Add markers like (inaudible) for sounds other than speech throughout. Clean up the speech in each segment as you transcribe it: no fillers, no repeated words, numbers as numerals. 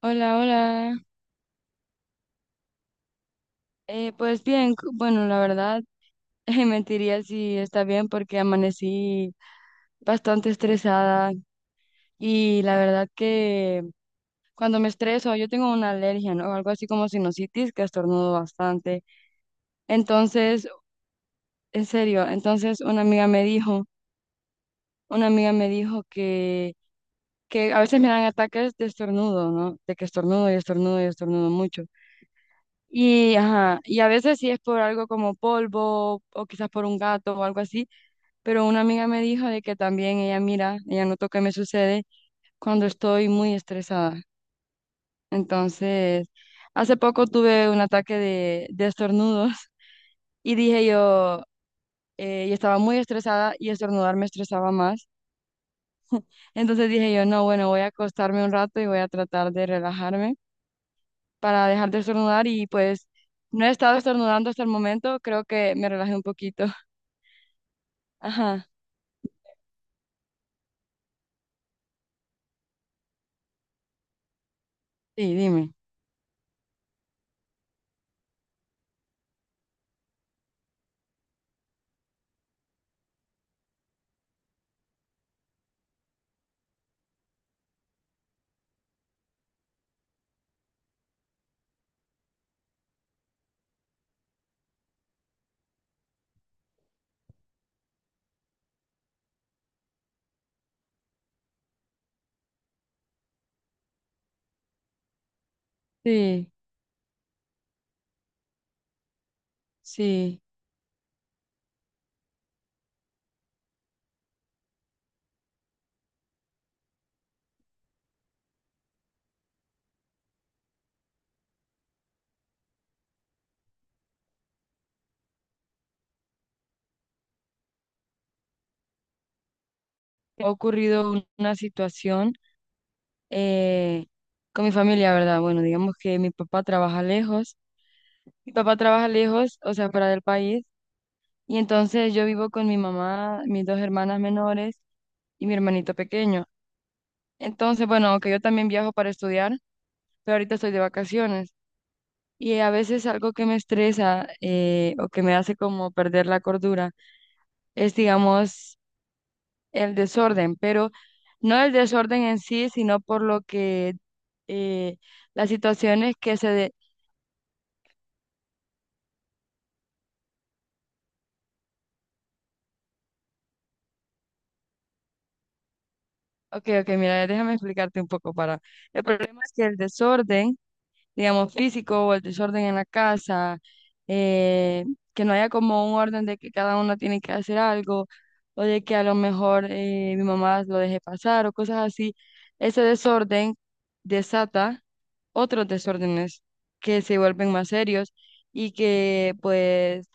Hola, hola. Pues bien, bueno, la verdad, (laughs) mentiría si está bien porque amanecí bastante estresada y la verdad que cuando me estreso, yo tengo una alergia, ¿no? Algo así como sinusitis que estornudo bastante. Entonces, en serio, entonces una amiga me dijo que a veces me dan ataques de estornudo, ¿no? De que estornudo y estornudo y estornudo mucho. Y, ajá, y a veces sí es por algo como polvo o quizás por un gato o algo así. Pero una amiga me dijo de que también ella mira, ella notó que me sucede cuando estoy muy estresada. Entonces, hace poco tuve un ataque de estornudos. (laughs) Y dije yo, yo estaba muy estresada y estornudar me estresaba más. Entonces dije yo, no, bueno, voy a acostarme un rato y voy a tratar de relajarme para dejar de estornudar, y pues no he estado estornudando hasta el momento, creo que me relajé un poquito. (laughs) Ajá, sí, dime. Sí, sí. Ha ocurrido una situación eh, con mi familia, ¿verdad? Bueno, digamos que mi papá trabaja lejos, mi papá trabaja lejos, o sea, fuera del país, y entonces yo vivo con mi mamá, mis dos hermanas menores y mi hermanito pequeño. Entonces, bueno, aunque yo también viajo para estudiar, pero ahorita estoy de vacaciones. Y a veces algo que me estresa, o que me hace como perder la cordura, es, digamos, el desorden, pero no el desorden en sí, sino por lo que eh, las situaciones que se... Ok, ok, mira, déjame explicarte un poco para... El problema es que el desorden, digamos, físico o el desorden en la casa, eh, que no haya como un orden de que cada uno tiene que hacer algo o de que a lo mejor mi mamá lo deje pasar o cosas así, ese desorden desata otros desórdenes que se vuelven más serios y que pues,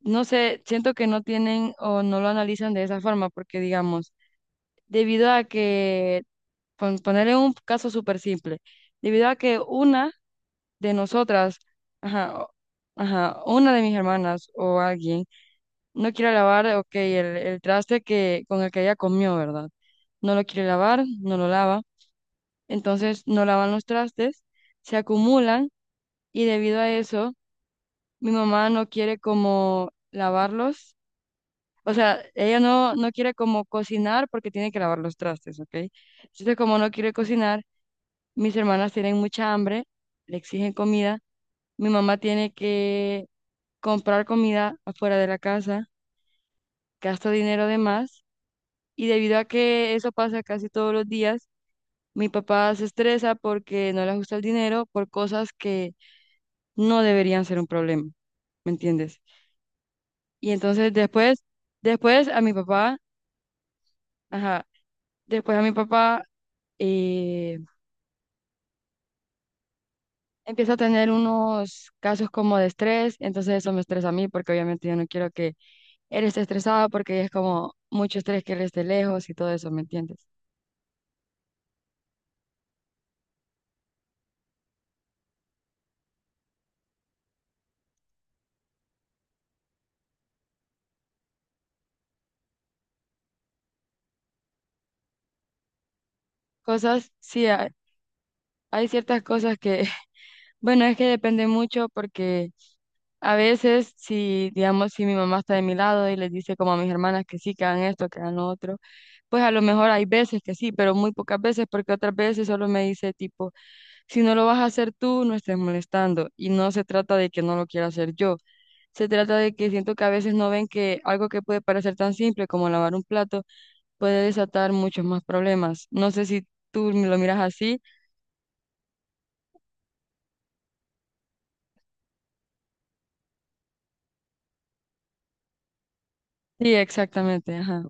no sé, siento que no tienen o no lo analizan de esa forma porque, digamos, debido a que ponerle un caso súper simple, debido a que una de nosotras, ajá, ajá, una de mis hermanas o alguien no quiere lavar, ok, el traste que, con el que ella comió, ¿verdad? No lo quiere lavar, no lo lava, entonces no lavan los trastes, se acumulan y debido a eso, mi mamá no quiere como lavarlos. O sea, ella no quiere como cocinar porque tiene que lavar los trastes, ¿ok? Entonces, como no quiere cocinar, mis hermanas tienen mucha hambre, le exigen comida. Mi mamá tiene que comprar comida afuera de la casa, gasta dinero de más. Y debido a que eso pasa casi todos los días, mi papá se estresa porque no le gusta el dinero por cosas que no deberían ser un problema. ¿Me entiendes? Y entonces después, después a mi papá, ajá, después a mi papá eh, empieza a tener unos casos como de estrés, entonces eso me estresa a mí porque obviamente yo no quiero que él está estresado porque es como mucho estrés que él esté lejos y todo eso, ¿me entiendes? Cosas, sí, hay ciertas cosas que, (laughs) bueno, es que depende mucho porque a veces si, digamos, si mi mamá está de mi lado y les dice como a mis hermanas que sí, que hagan esto, que hagan lo otro, pues a lo mejor hay veces que sí, pero muy pocas veces porque otras veces solo me dice tipo, si no lo vas a hacer tú, no estés molestando. Y no se trata de que no lo quiera hacer yo. Se trata de que siento que a veces no ven que algo que puede parecer tan simple como lavar un plato, puede desatar muchos más problemas. No sé si tú lo miras así. Sí, exactamente, ajá.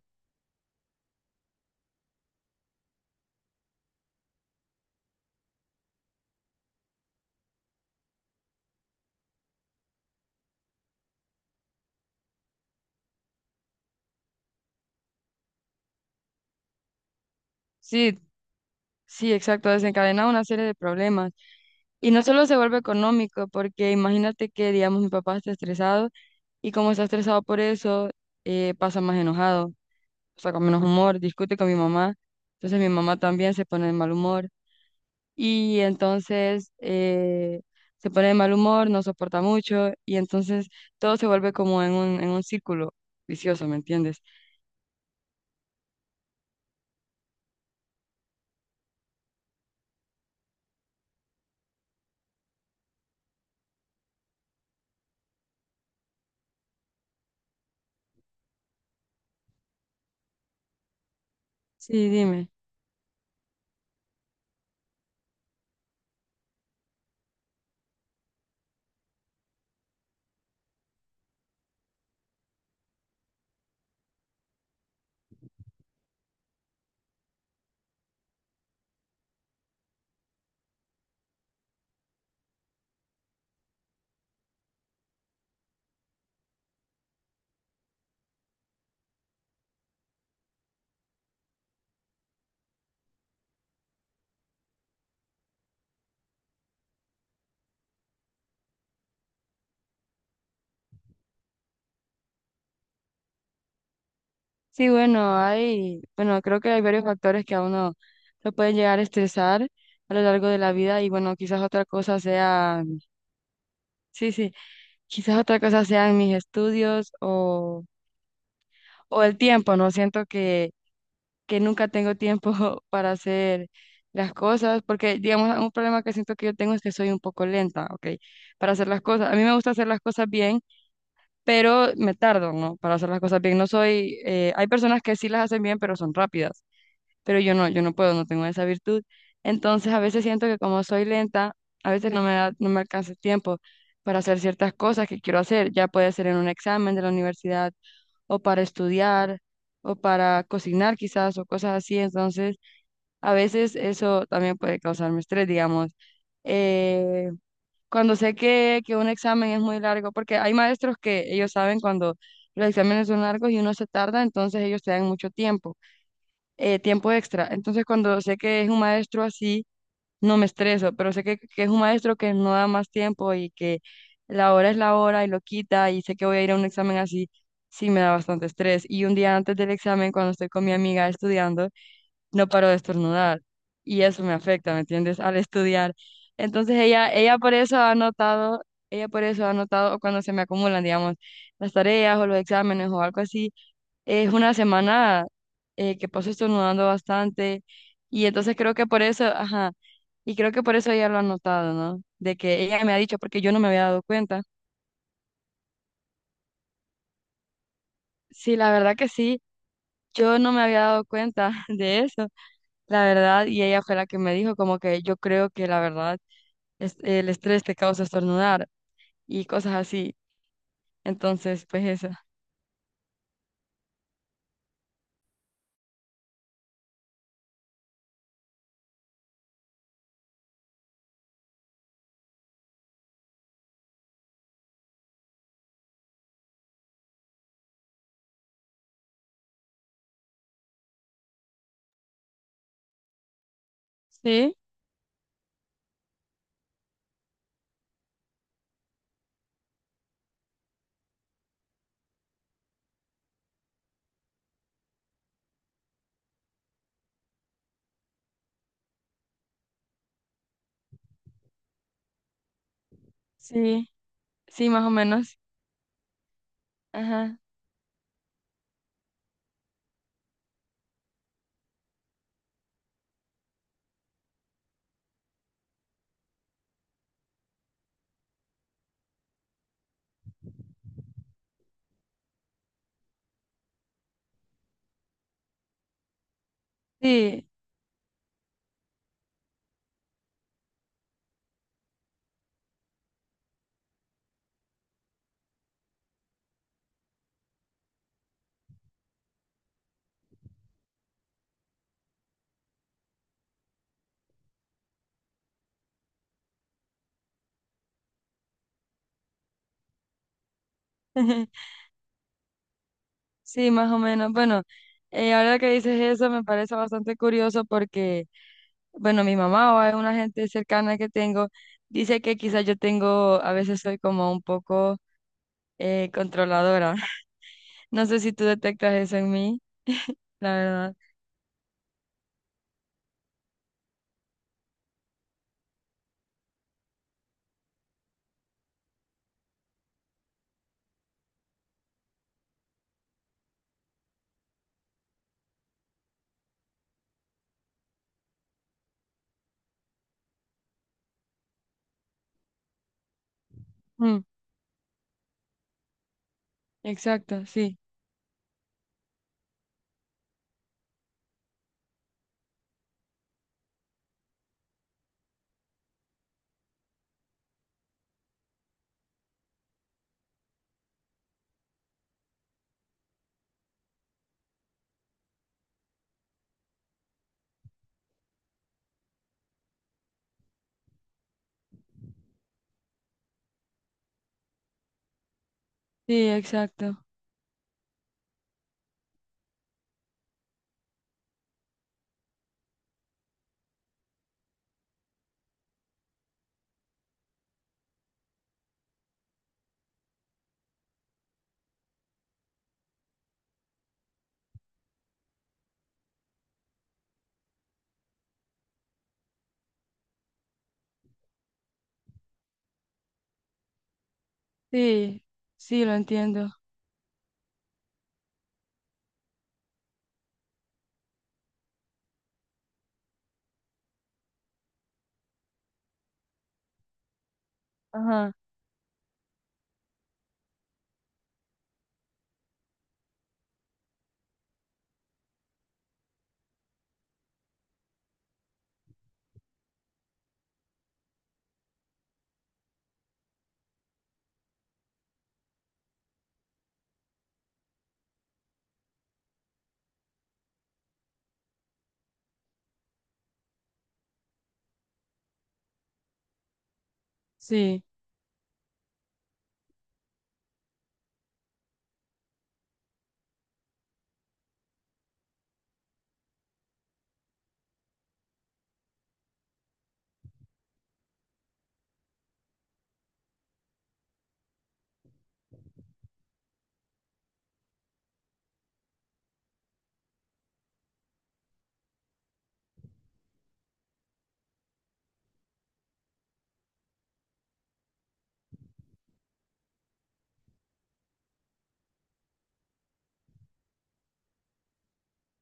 Sí, sí, exacto, desencadena una serie de problemas. Y no solo se vuelve económico, porque imagínate que, digamos, mi papá está estresado y como está estresado por eso, pasa más enojado, o sea, con menos humor, discute con mi mamá. Entonces mi mamá también se pone de mal humor y entonces se pone de mal humor, no soporta mucho y entonces todo se vuelve como en en un círculo vicioso, ¿me entiendes? Sí, dime. Sí, bueno, hay, bueno, creo que hay varios factores que a uno lo pueden llegar a estresar a lo largo de la vida y bueno, quizás otra cosa sea, sí, sí, quizás otra cosa sean mis estudios o el tiempo, ¿no? Siento que nunca tengo tiempo (laughs) para hacer las cosas porque, digamos, un problema que siento que yo tengo es que soy un poco lenta, ¿ok? Para hacer las cosas. A mí me gusta hacer las cosas bien, pero me tardo, ¿no? Para hacer las cosas bien. No soy, hay personas que sí las hacen bien, pero son rápidas. Pero yo no, no tengo esa virtud. Entonces a veces siento que como soy lenta, a veces no me alcanza el tiempo para hacer ciertas cosas que quiero hacer, ya puede ser en un examen de la universidad o para estudiar o para cocinar quizás o cosas así. Entonces a veces eso también puede causarme estrés, digamos. Eh, Cuando sé que un examen es muy largo, porque hay maestros que ellos saben cuando los exámenes son largos y uno se tarda, entonces ellos te dan mucho tiempo tiempo extra. Entonces, cuando sé que es un maestro así, no me estreso, pero sé que es un maestro que no da más tiempo y que la hora es la hora y lo quita y sé que voy a ir a un examen así, sí me da bastante estrés. Y un día antes del examen, cuando estoy con mi amiga estudiando, no paro de estornudar y eso me afecta, ¿me entiendes? Al estudiar. Entonces, ella por eso ha notado... Ella por eso ha notado cuando se me acumulan, digamos, las tareas o los exámenes o algo así, es una semana que paso estornudando bastante y entonces creo que por eso, ajá, y creo que por eso ella lo ha notado, ¿no? De que ella me ha dicho porque yo no me había dado cuenta. Sí, la verdad que sí, yo no me había dado cuenta (laughs) de eso, la verdad, y ella fue la que me dijo como que yo creo que la verdad es el estrés te causa estornudar y cosas así. Entonces, pues eso. Sí, sí, sí, más o menos. Ajá. Sí. (laughs) Sí, más o menos. Bueno, ahora que dices eso me parece bastante curioso porque, bueno, mi mamá o alguna gente cercana que tengo dice que quizás yo tengo, a veces soy como un poco controladora. (laughs) No sé si tú detectas eso en mí, la verdad. Mm, exacto, sí, sí, exacto. Sí, sí, lo entiendo. Ajá, sí,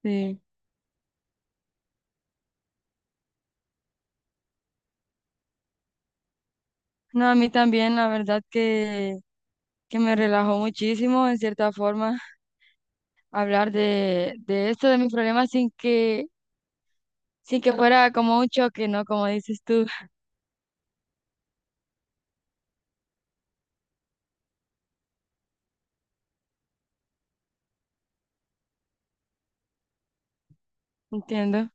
sí. No, a mí también, la verdad que me relajó muchísimo en cierta forma. Hablar de esto, de mis problemas, sin que, sin que fuera como un choque, ¿no? Como dices tú, (laughs) entiendo.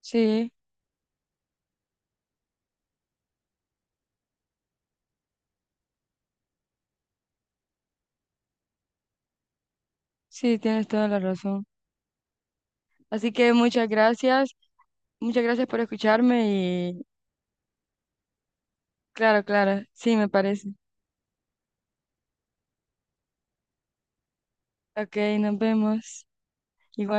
Sí, sí, tienes toda la razón. Así que muchas gracias por escucharme y claro, claro, sí, me parece. Ok, nos vemos. Igual.